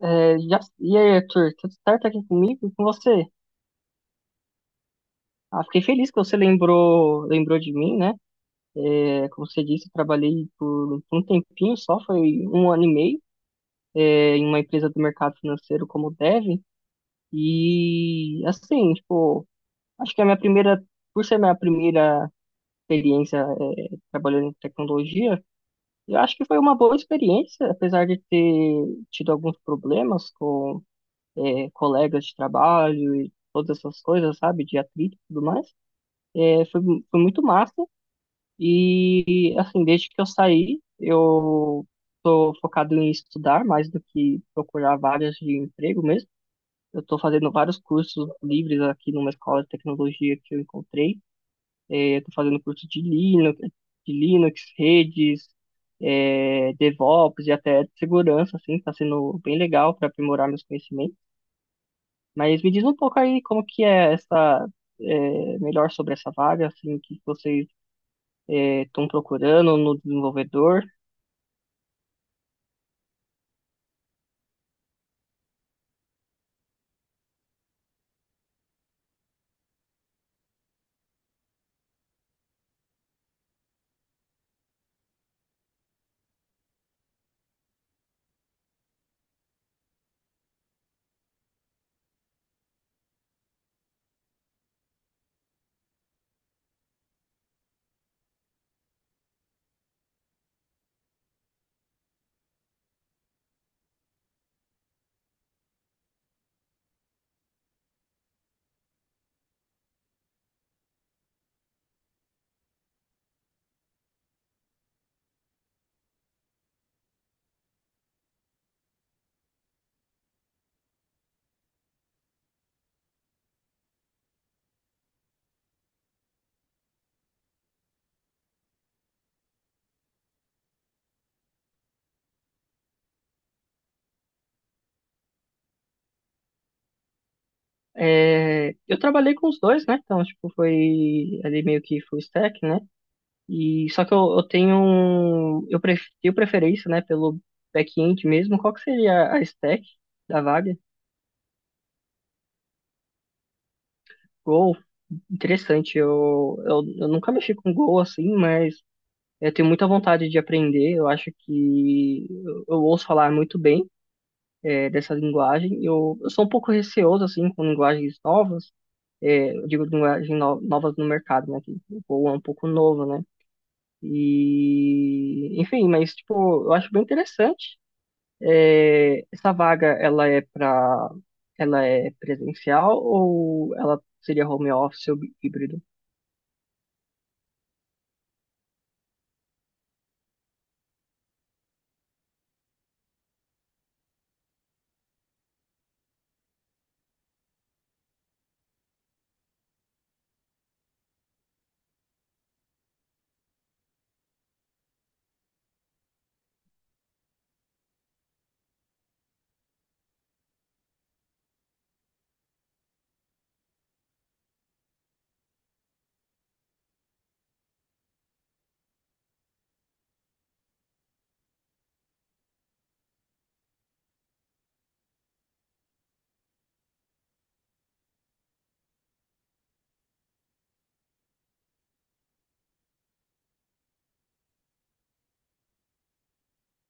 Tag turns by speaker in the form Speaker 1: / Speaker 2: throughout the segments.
Speaker 1: E aí, Arthur, tudo certo aqui comigo e com você? Ah, fiquei feliz que você lembrou de mim, né? É, como você disse, eu trabalhei por um tempinho só, foi 1 ano e meio, em uma empresa do mercado financeiro como Dev. E, assim, tipo, acho que a minha primeira, por ser minha primeira experiência, trabalhando em tecnologia, eu acho que foi uma boa experiência, apesar de ter tido alguns problemas colegas de trabalho e todas essas coisas, sabe? De atrito e tudo mais. É, foi, foi muito massa. E, assim, desde que eu saí, eu tô focado em estudar mais do que procurar vagas de emprego mesmo. Eu tô fazendo vários cursos livres aqui numa escola de tecnologia que eu encontrei. É, eu tô fazendo curso de Linux, redes, DevOps e até de segurança, assim, tá sendo bem legal para aprimorar meus conhecimentos. Mas me diz um pouco aí como que é essa, é, melhor sobre essa vaga, assim, que vocês estão procurando no desenvolvedor. É, eu trabalhei com os dois, né? Então, tipo, foi ali meio que full stack, né? E só que eu tenho preferência, né, pelo back-end mesmo. Qual que seria a stack da vaga? Go, interessante. Eu nunca mexi com Go assim, mas eu tenho muita vontade de aprender. Eu acho que eu ouço falar muito bem dessa linguagem. Eu sou um pouco receoso, assim, com linguagens novas. Eu digo linguagem no, novas no mercado, né? Que o Go é um pouco novo, né? E, enfim, mas, tipo, eu acho bem interessante. É, essa vaga, ela é para, ela é presencial ou ela seria home office ou híbrido?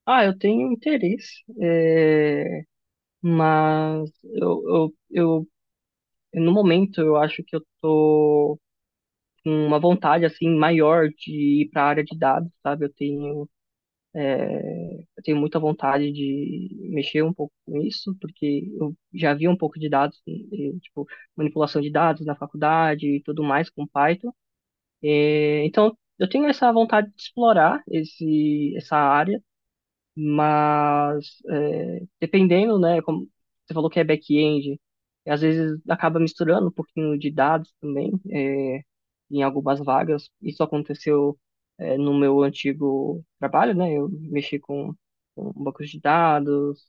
Speaker 1: Ah, eu tenho interesse, mas eu, eu, eu, no momento, eu acho que eu tô uma vontade assim maior de ir para a área de dados, sabe? Eu tenho muita vontade de mexer um pouco com isso, porque eu já vi um pouco de dados, tipo manipulação de dados na faculdade e tudo mais com Python. Então eu tenho essa vontade de explorar esse essa área, mas dependendo, né? Como você falou que é back-end, às vezes acaba misturando um pouquinho de dados também, em algumas vagas. Isso aconteceu, no meu antigo trabalho, né? Com bancos de dados,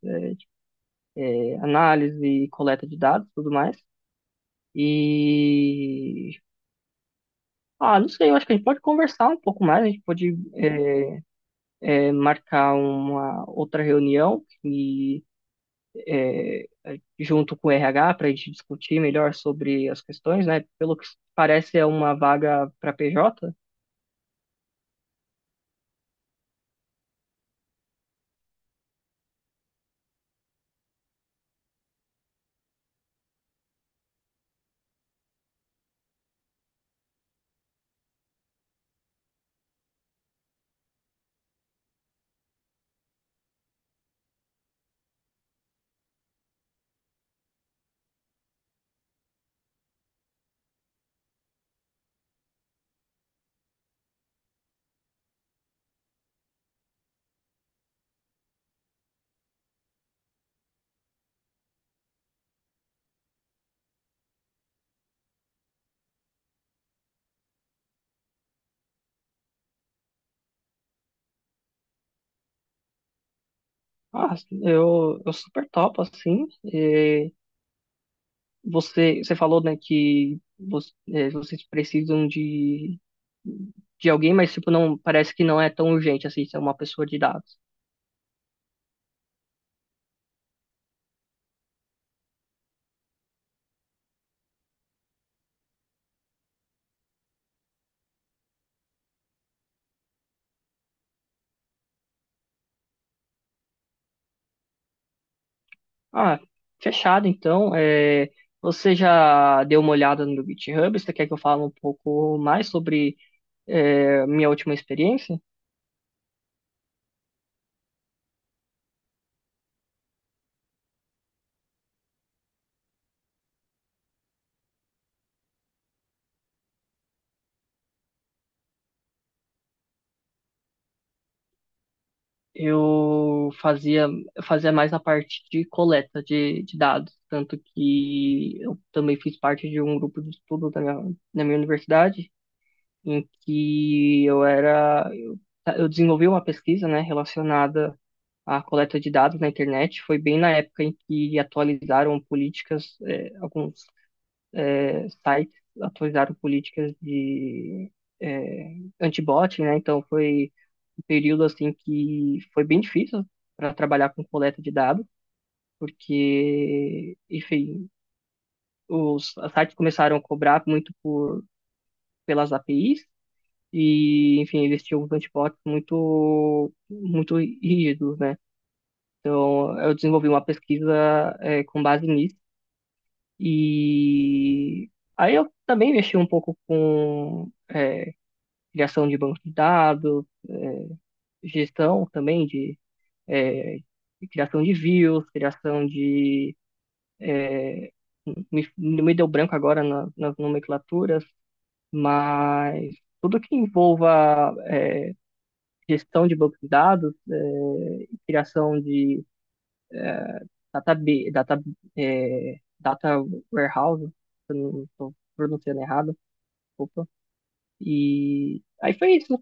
Speaker 1: análise e coleta de dados, tudo mais. E ah, não sei, eu acho que a gente pode conversar um pouco mais, a gente pode eh, marcar uma outra reunião e eh, junto com o RH para a gente discutir melhor sobre as questões, né? Pelo que parece é uma vaga para PJ. Ah, eu super topo, assim. eh, você falou, né, que vocês precisam de alguém, mas tipo, não, parece que não é tão urgente assim, ser uma pessoa de dados. Ah, fechado então. É, você já deu uma olhada no meu GitHub? Você quer que eu fale um pouco mais sobre minha última experiência? eu fazia, eu fazia mais a parte de coleta de dados, tanto que eu também fiz parte de um grupo de estudo na minha universidade, em que eu era, eu desenvolvi uma pesquisa, né, relacionada à coleta de dados na internet. Foi bem na época em que atualizaram políticas, alguns sites atualizaram políticas de anti-bot, né? Então foi um período assim que foi bem difícil para trabalhar com coleta de dados, porque, enfim, os sites começaram a cobrar muito por pelas APIs e, enfim, eles tinham uns antibots muito muito rígidos, né? Então eu desenvolvi uma pesquisa com base nisso. E aí eu também mexi um pouco com criação de banco de dados, gestão também de, é, de criação de views, criação de. Me deu branco agora nas nomenclaturas, mas tudo que envolva gestão de banco de dados, é, criação de data, data, data warehouse, se eu não estou pronunciando errado, desculpa. E aí foi isso.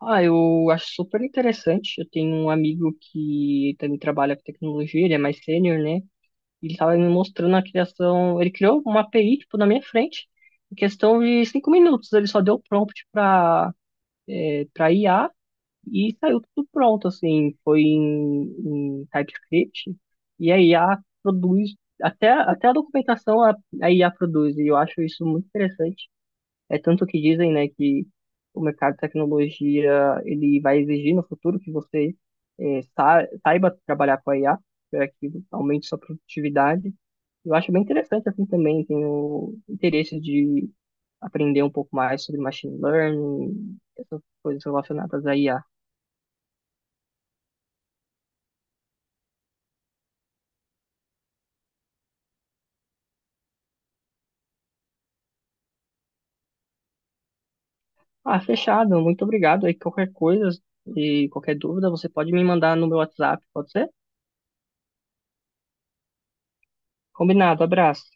Speaker 1: Ah, eu acho super interessante. Eu tenho um amigo que também trabalha com tecnologia, ele é mais sênior, né? E ele estava me mostrando a criação. Ele criou uma API, tipo, na minha frente, em questão de 5 minutos. Ele só deu prompt para IA e saiu tudo pronto, assim. Foi em TypeScript e a IA produz, até a documentação a IA produz. E eu acho isso muito interessante. É tanto que dizem, né, que o mercado de tecnologia ele vai exigir no futuro que você saiba trabalhar com a IA para que aumente sua produtividade. Eu acho bem interessante assim também, tenho interesse de aprender um pouco mais sobre machine learning, essas coisas relacionadas à IA. Ah, fechado, muito obrigado. Aí qualquer coisa e qualquer dúvida você pode me mandar no meu WhatsApp, pode ser? Combinado, abraço.